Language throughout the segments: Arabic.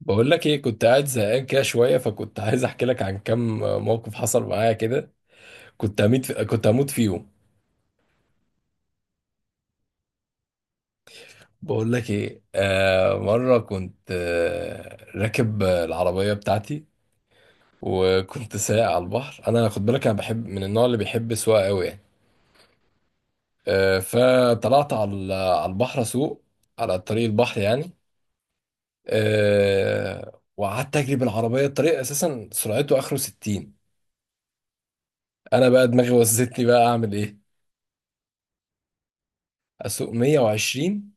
بقول لك ايه، كنت قاعد زهقان كده شويه، فكنت عايز احكي لك عن كام موقف حصل معايا كده. كنت هموت فيهم. بقول لك ايه، مره كنت راكب العربيه بتاعتي وكنت سايق على البحر. انا خد بالك انا بحب من النوع اللي بيحب السواقه قوي يعني. فطلعت على البحر اسوق، على طريق البحر يعني. وقعدت اجري بالعربيه. الطريق اساسا سرعته اخره 60، انا بقى دماغي وزتني بقى اعمل ايه؟ اسوق 120.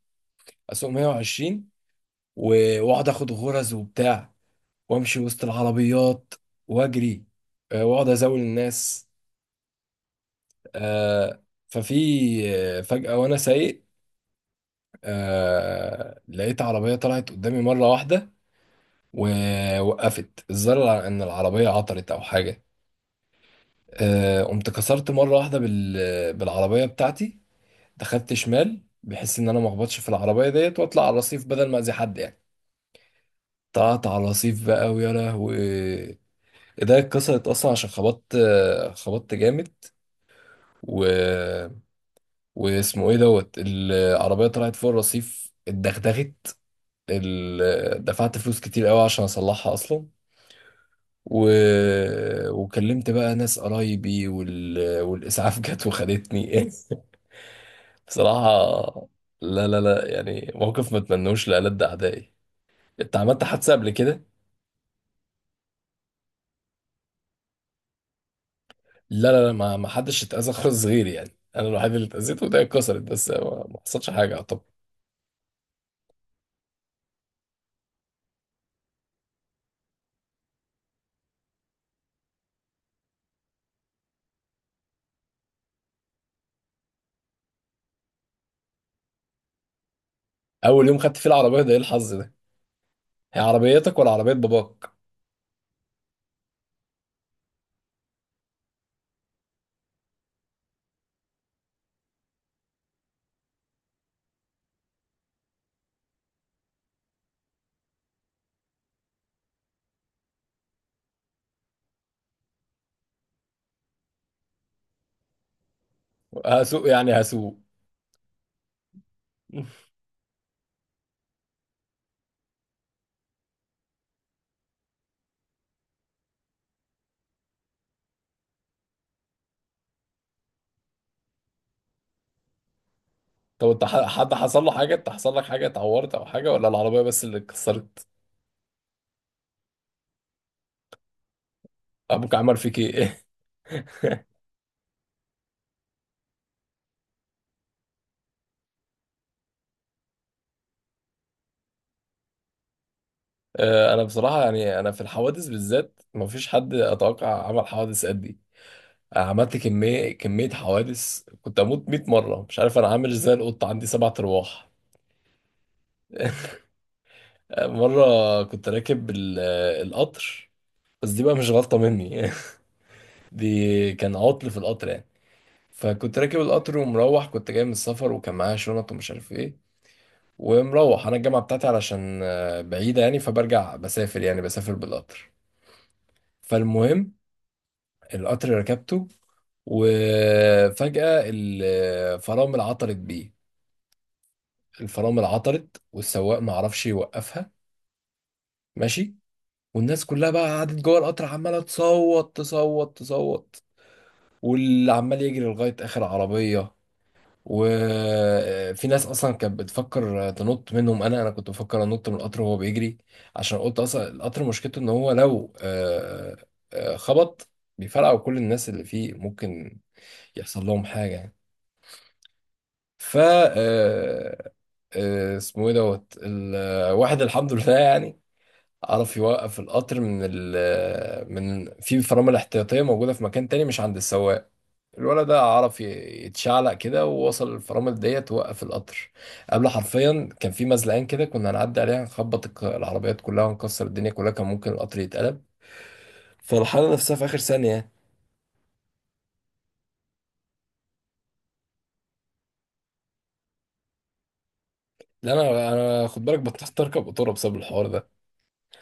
اسوق 120 واقعد اخد غرز وبتاع، وامشي وسط العربيات واجري. واقعد ازاول الناس. آه، ففي آه، فجأة وانا سايق، لقيت عربية طلعت قدامي مرة واحدة ووقفت، الظاهر ان العربية عطلت او حاجة. قمت كسرت مرة واحدة بالعربية بتاعتي، دخلت شمال بحيث ان انا ما اخبطش في العربية ديت واطلع على الرصيف بدل ما اذي حد يعني. طلعت على الرصيف بقى ويا لهوي، ايديا اتكسرت اصلا عشان خبطت، خبطت جامد. و... واسمه ايه دوت، العربيه طلعت فوق الرصيف اتدغدغت، دفعت فلوس كتير قوي عشان اصلحها اصلا. و... وكلمت بقى ناس قرايبي والاسعاف جت وخدتني. بصراحه لا لا لا، يعني موقف ما اتمنوش لألد اعدائي. انت عملت حادثه قبل كده؟ لا لا لا، ما حدش اتأذى خالص غيري، يعني انا الوحيد اللي اتأذيت وايديا اتكسرت، بس ما حصلش حاجه. اول يوم خدت فيه العربيه؟ ده ايه الحظ ده! هي عربيتك ولا عربيه باباك؟ هسوق يعني هسوق. طب انت حد حصل له حاجه؟ انت حصل لك حاجه، اتعورت او حاجه، ولا العربيه بس اللي اتكسرت؟ ابوك عمل فيك ايه؟ انا بصراحه يعني انا في الحوادث بالذات مفيش حد اتوقع عمل حوادث قد دي. أنا عملت كميه حوادث، كنت اموت 100 مره، مش عارف انا عامل ازاي، القطه عندي سبع ارواح. مرة كنت راكب القطر، بس دي بقى مش غلطة مني. دي كان عطل في القطر يعني. فكنت راكب القطر ومروح، كنت جاي من السفر وكان معايا شنط ومش عارف ايه. ومروح انا الجامعه بتاعتي علشان بعيده يعني، فبرجع بسافر يعني بسافر بالقطر. فالمهم القطر ركبته، وفجاه الفرامل عطلت بيه. الفرامل عطلت والسواق ما عرفش يوقفها، ماشي. والناس كلها بقى قعدت جوه القطر عماله تصوت تصوت تصوت، واللي عمال يجري لغايه اخر عربيه. وفي ناس اصلا كانت بتفكر تنط منهم، انا كنت بفكر انط من القطر وهو بيجري، عشان قلت اصلا القطر مشكلته ان هو لو خبط بيفرقع وكل الناس اللي فيه ممكن يحصل لهم حاجه يعني. ف آه، آه، اسمه ايه دوت، الواحد الحمد لله يعني عرف يوقف القطر من ال من في فرامل احتياطية موجودة في مكان تاني مش عند السواق. الولد ده عرف يتشعلق كده ووصل الفرامل ديت ووقف القطر. قبل، حرفيا، كان في مزلقان كده كنا هنعدي عليها، نخبط العربيات كلها ونكسر الدنيا كلها، كان ممكن القطر يتقلب. فالحالة نفسها في آخر ثانية. لا انا، خد بالك، بطلت اركب قطوره بسبب الحوار ده.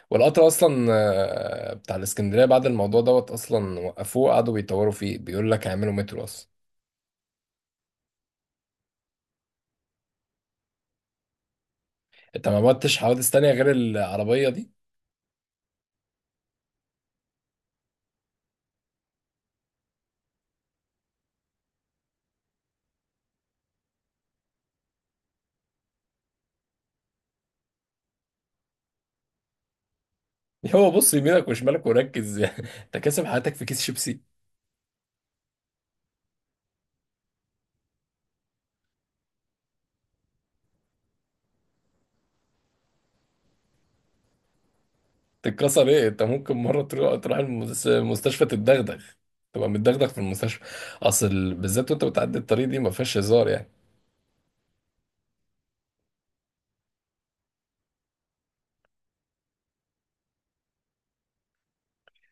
والقطر اصلا بتاع الاسكندريه بعد الموضوع دوت اصلا وقفوه، قعدوا بيطوروا فيه، بيقول لك هيعملوا مترو اصلا. انت ما عملتش حوادث تانية غير العربية دي؟ هو بص يمينك وشمالك وركز. انت كاسب حياتك في كيس شيبسي. تتكسر ايه؟ انت ممكن مرة تروح، تروح المستشفى، تتدغدغ، تبقى متدغدغ في المستشفى. اصل بالذات وانت بتعدي الطريق دي ما فيهاش هزار يعني.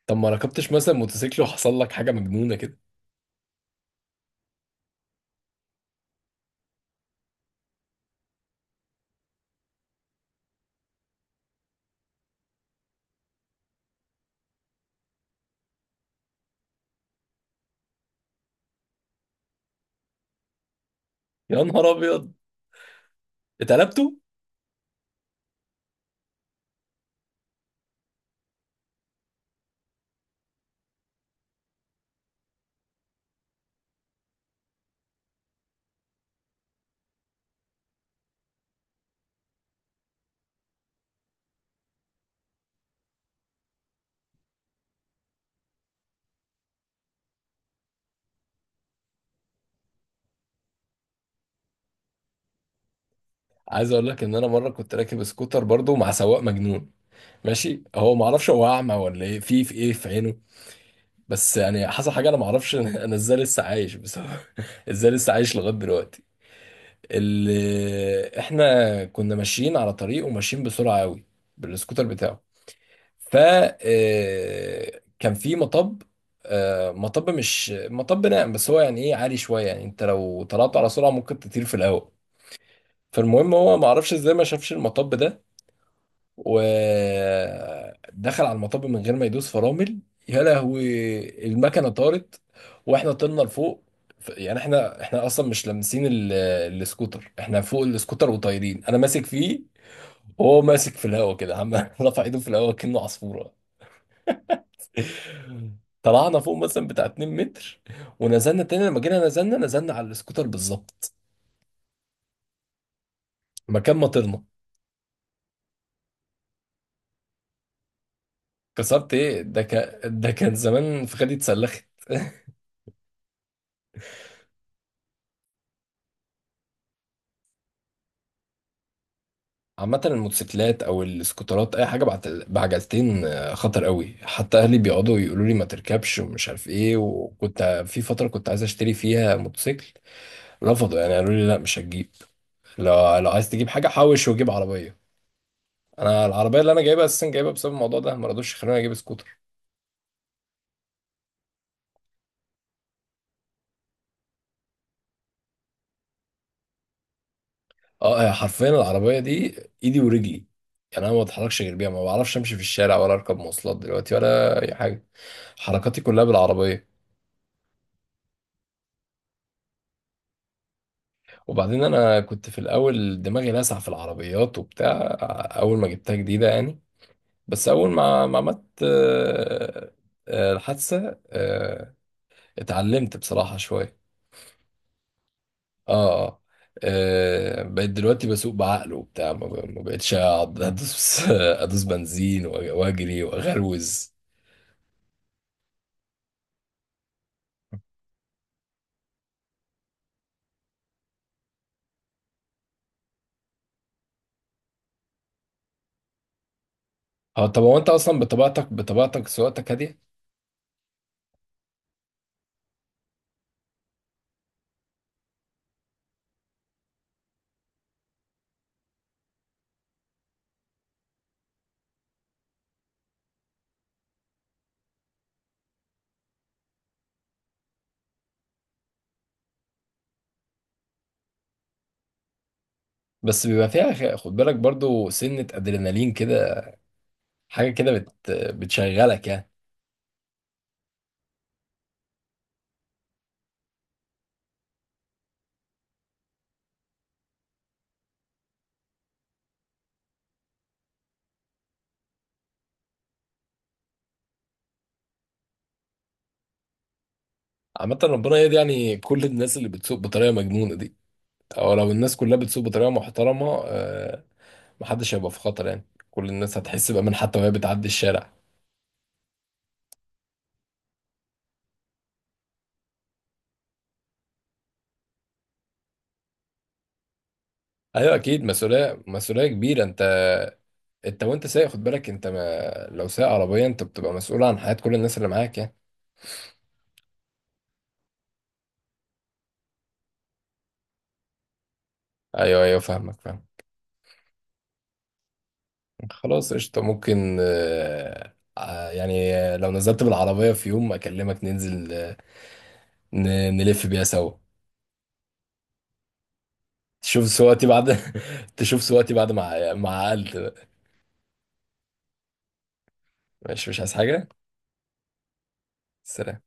طب ما ركبتش مثلا موتوسيكل وحصل لك حاجة مجنونة كده؟ يا نهار ابيض! اتقلبتوا؟ عايز اقول لك ان انا مرة كنت راكب سكوتر برضو مع سواق مجنون. ماشي، هو ما اعرفش هو اعمى ولا ايه، في ايه في عينه، بس يعني حصل حاجه انا ما اعرفش انا ازاي لسه عايش بسبب ازاي لسه عايش لغايه دلوقتي. اللي احنا كنا ماشيين على طريق وماشيين بسرعه قوي بالسكوتر بتاعه. ف آه، كان في مطب، مطب مش مطب ناعم بس هو يعني ايه، عالي شويه يعني، انت لو طلعت على سرعه ممكن تطير في الهواء. فالمهم هو ما اعرفش ازاي ما شافش المطب ده، ودخل على المطب من غير ما يدوس فرامل. يا لهوي، المكنه طارت واحنا طلنا لفوق. يعني احنا اصلا مش لامسين السكوتر، احنا فوق السكوتر وطايرين، انا ماسك فيه وهو ماسك في الهواء كده، عم رفع ايده في الهواء كأنه عصفوره. طلعنا فوق مثلا بتاع 2 متر، ونزلنا تاني، لما جينا نزلنا، نزلنا على السكوتر بالظبط مكان ما طرنا. كسرت ايه، ده كان، ده كان زمان فخدي اتسلخت. عامة الموتوسيكلات أو السكوترات أي حاجة بعجلتين خطر قوي. حتى أهلي بيقعدوا يقولوا لي ما تركبش ومش عارف إيه، وكنت في فترة كنت عايز أشتري فيها موتوسيكل، رفضوا يعني، قالوا لي لا مش هتجيب، لو عايز تجيب حاجة حوش وجيب عربية. أنا العربية اللي أنا جايبها أساسا جايبها بسبب الموضوع ده، ما رضوش يخلوني أجيب سكوتر. أه، هي حرفيا العربية دي إيدي ورجلي، يعني أنا ما بتحركش غير بيها، ما بعرفش أمشي في الشارع ولا أركب مواصلات دلوقتي ولا أي حاجة، حركاتي كلها بالعربية. وبعدين انا كنت في الاول دماغي لاسعه في العربيات وبتاع، اول ما جبتها جديده يعني، بس اول ما عملت الحادثه، اتعلمت بصراحه شويه. اه اه، بقيت دلوقتي بسوق بعقل وبتاع، ما بقتش اقعد ادوس ادوس بنزين واجري واغروز. اه. طب هو انت اصلا بطبيعتك، سواقتك هاديه. بس بيبقى فيها خد بالك برضو سنة ادرينالين كده، حاجة كده بتشغلك يعني. عامة ربنا يهدي يعني كل الناس اللي بتسوق بطريقة مجنونة دي، او لو الناس كلها بتسوق بطريقة محترمة محدش هيبقى في خطر يعني، كل الناس هتحس بأمان حتى وهي بتعدي الشارع. ايوه اكيد مسؤولية، كبيرة. انت، انت وانت سايق خد بالك، انت ما لو سايق عربية انت بتبقى مسؤول عن حياة كل الناس اللي معاك يعني. ايوه ايوه، فاهمك، فاهم. خلاص، قشطة، ممكن يعني لو نزلت بالعربية في يوم اكلمك ننزل، نلف بيها سوا. تشوف سواتي بعد تشوف سواتي بعد ما عقلت بقى. ماشي، مش عايز حاجة. سلام.